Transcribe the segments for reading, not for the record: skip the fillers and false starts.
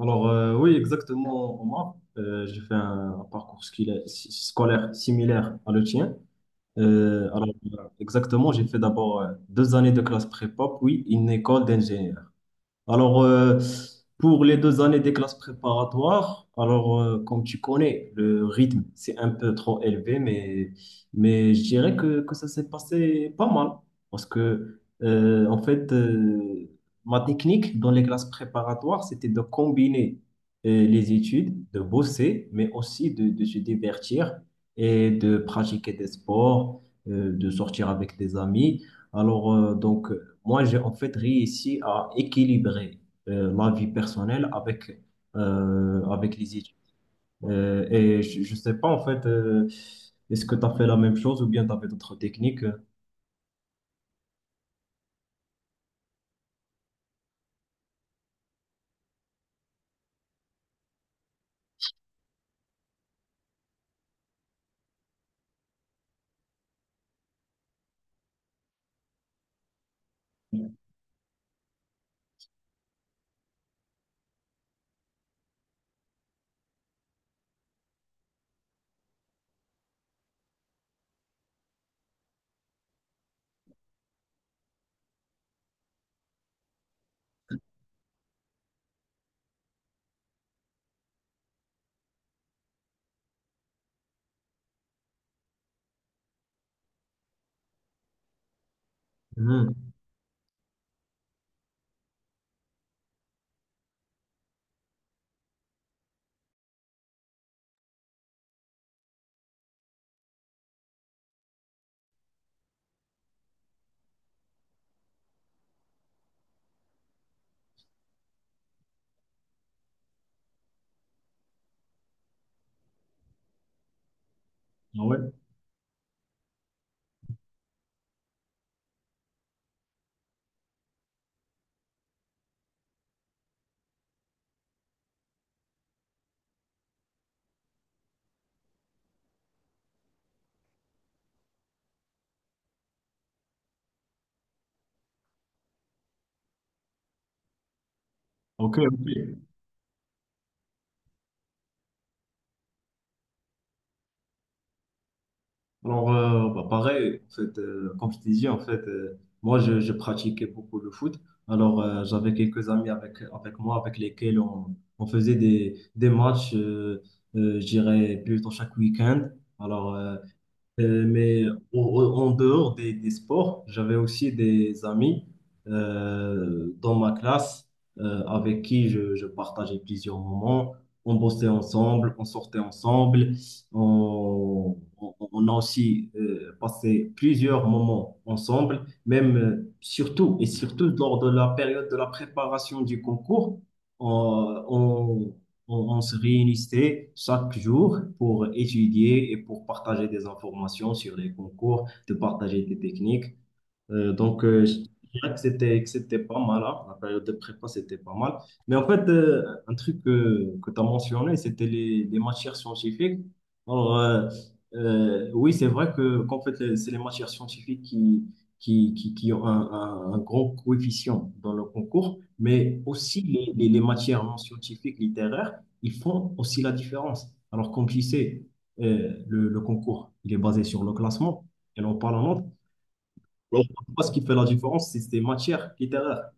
Oui, exactement, Omar. J'ai fait un parcours scolaire similaire à le tien. Euh, alors, Exactement, j'ai fait d'abord deux années de classe prépa, puis une école d'ingénieur. Alors, euh, pour les deux années des classes préparatoires, comme tu connais, le rythme, c'est un peu trop élevé, mais je dirais que ça s'est passé pas mal. Parce que ma technique dans les classes préparatoires, c'était de combiner les études, de bosser, mais aussi de se divertir et de pratiquer des sports, de sortir avec des amis. Moi, j'ai en fait réussi à équilibrer ma vie personnelle avec, avec les études. Et je sais pas, est-ce que tu as fait la même chose ou bien tu avais d'autres techniques? Mhm. Ah ouais, ok, ok. Pareil, comme je t'ai dit, moi, je pratiquais beaucoup le foot. J'avais quelques amis avec moi, avec lesquels on faisait des matchs, je dirais, plutôt chaque week-end. Alors, euh, mais en dehors des sports, j'avais aussi des amis dans ma classe avec qui je partageais plusieurs moments. On bossait ensemble, on sortait ensemble. On a aussi passé plusieurs moments ensemble, même surtout et surtout lors de la période de la préparation du concours. On, on se réunissait chaque jour pour étudier et pour partager des informations sur les concours, de partager des techniques. Je dirais que c'était pas mal, hein. La période de prépa, c'était pas mal. Mais un truc que tu as mentionné, c'était les matières scientifiques. Alors, euh, oui, c'est vrai que c'est les matières scientifiques qui ont un grand coefficient dans le concours, mais aussi les matières non scientifiques, littéraires, ils font aussi la différence. Alors, comme tu sais, le concours, il est basé sur le classement et non pas la note. Moi, ce qui fait la différence, c'est matière littéraire.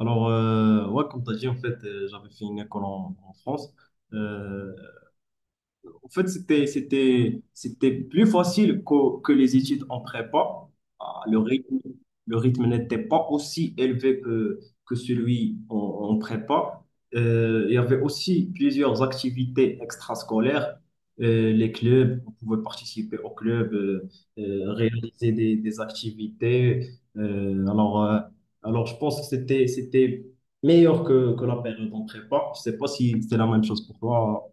Ouais, comme tu as dit, j'avais fait une école en France. Euh, en fait, c'était, c'était, C'était plus facile que les études en prépa. Ah, le rythme, le rythme n'était pas aussi élevé que celui en prépa. Il y avait aussi plusieurs activités extrascolaires. Les clubs, on pouvait participer au club, réaliser des activités. Euh, alors, euh, je pense que c'était meilleur que la période en prépa. Je sais pas si c'est la même chose pour toi.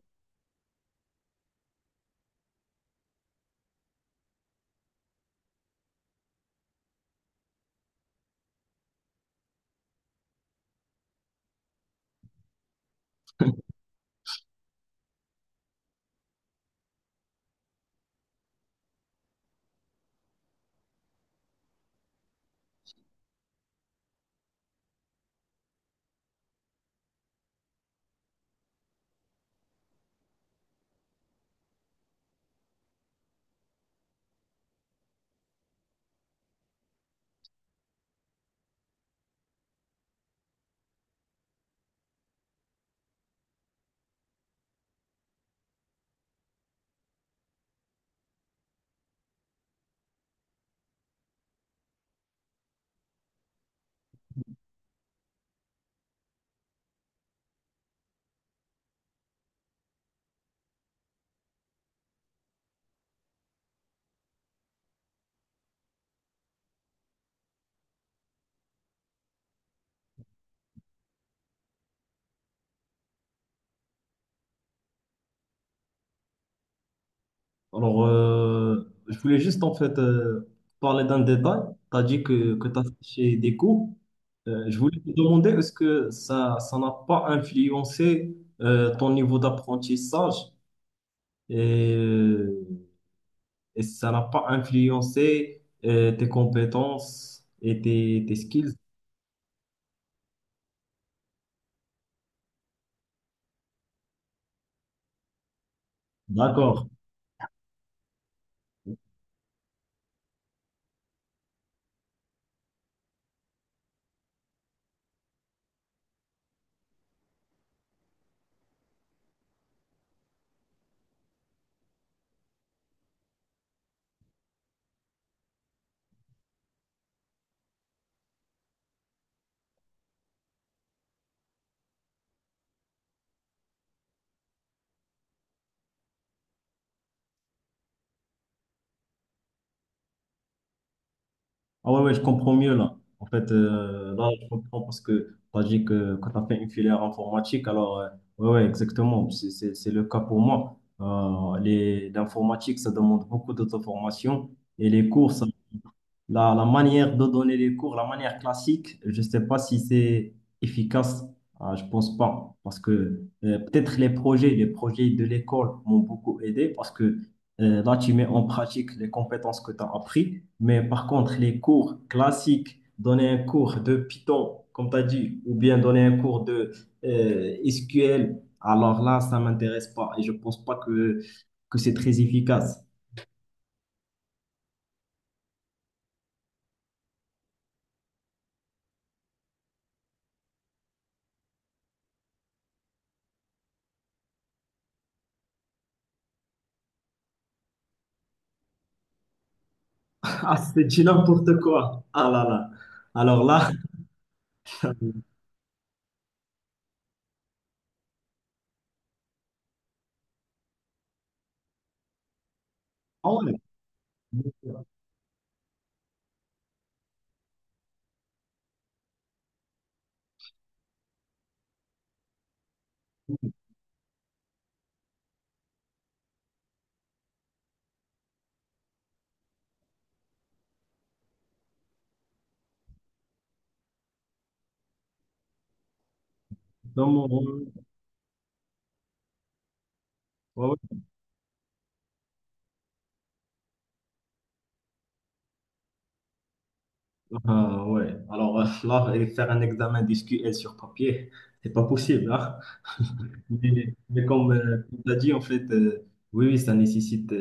Je voulais juste en fait parler d'un détail. Tu as dit que tu as fait chez des cours. Je voulais te demander, est-ce que ça n'a pas influencé ton niveau d'apprentissage et, euh, et ça n'a pas influencé tes compétences et tes skills? D'accord. Ah ouais, ouais, je comprends mieux là. En fait, là, je comprends parce que tu as dit que quand tu as fait une filière informatique, ouais, ouais, exactement, c'est le cas pour moi. L'informatique, ça demande beaucoup d'auto-formation et les cours, ça, la manière de donner les cours, la manière classique, je ne sais pas si c'est efficace. Ah, je pense pas, parce que peut-être les projets de l'école m'ont beaucoup aidé, parce que là, tu mets en pratique les compétences que tu as apprises. Mais par contre, les cours classiques, donner un cours de Python, comme tu as dit, ou bien donner un cours de SQL, alors là, ça m'intéresse pas et je pense pas que c'est très efficace. Ah, c'est du n'importe quoi. Ah là là. Alors là, ah ouais. Dans mon... ouais, ah, ouais. Alors là, et faire un examen d'SQL sur papier, c'est pas possible, hein. Mais comme tu as dit, oui, oui, ça nécessite.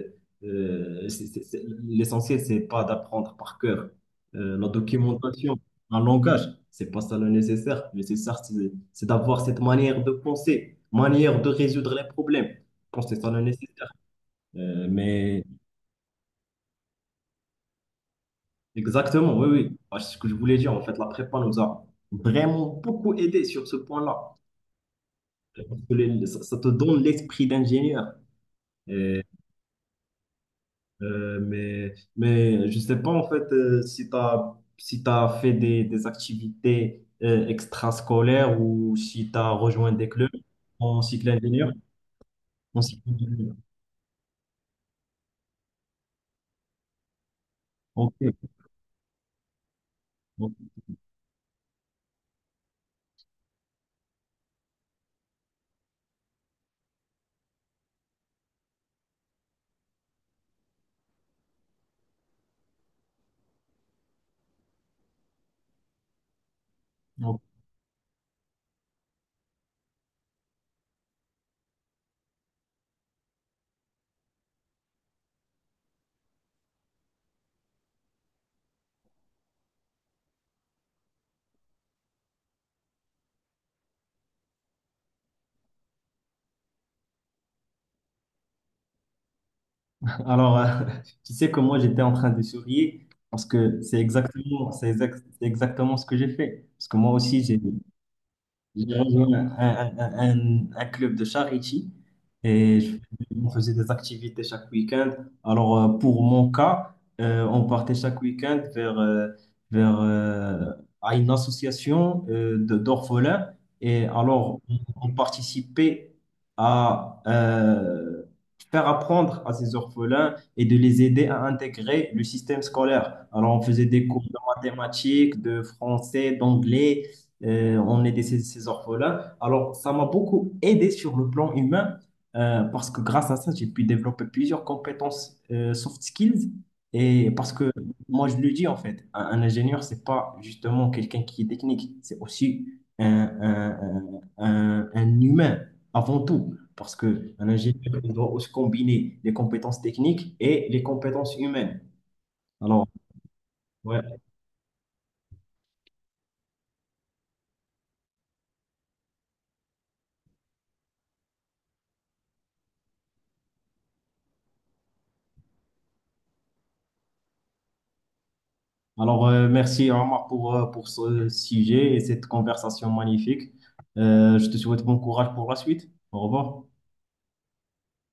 L'essentiel, c'est pas d'apprendre par cœur la documentation, un langage. C'est pas ça le nécessaire. Le nécessaire, c'est d'avoir cette manière de penser, manière de résoudre les problèmes. Je pense que c'est ça le nécessaire. Mais exactement, oui, oui. Ah, c'est ce que je voulais dire. En fait, la prépa nous a vraiment beaucoup aidé sur ce point-là. Parce que ça, ça te donne l'esprit d'ingénieur. Et, mais je ne sais pas, si tu as, si t'as fait des activités extrascolaires ou si tu as rejoint des clubs en cycle ingénieur. En cycle ingénieur. Ok. Ok. Ok. Alors, euh, tu sais que moi, j'étais en train de sourire parce que c'est exactement, c'est exactement ce que j'ai fait. Parce que moi aussi, j'ai rejoint un club de charity et je- on faisait des activités chaque week-end. Pour mon cas, on partait chaque week-end vers, euh, à une association d'orphelins. Et alors, on participait à faire apprendre à ces orphelins et de les aider à intégrer le système scolaire. Alors, on faisait des cours de mathématiques, de français, d'anglais. On était ces, ces orphelins. Alors, ça m'a beaucoup aidé sur le plan humain parce que grâce à ça, j'ai pu développer plusieurs compétences soft skills. Et parce que moi, je le dis un ingénieur, c'est pas justement quelqu'un qui est technique, c'est aussi un humain avant tout. Parce que un ingénieur, il doit aussi combiner les compétences techniques et les compétences humaines. Alors, ouais. Merci Omar pour ce sujet et cette conversation magnifique. Je te souhaite bon courage pour la suite. Au revoir.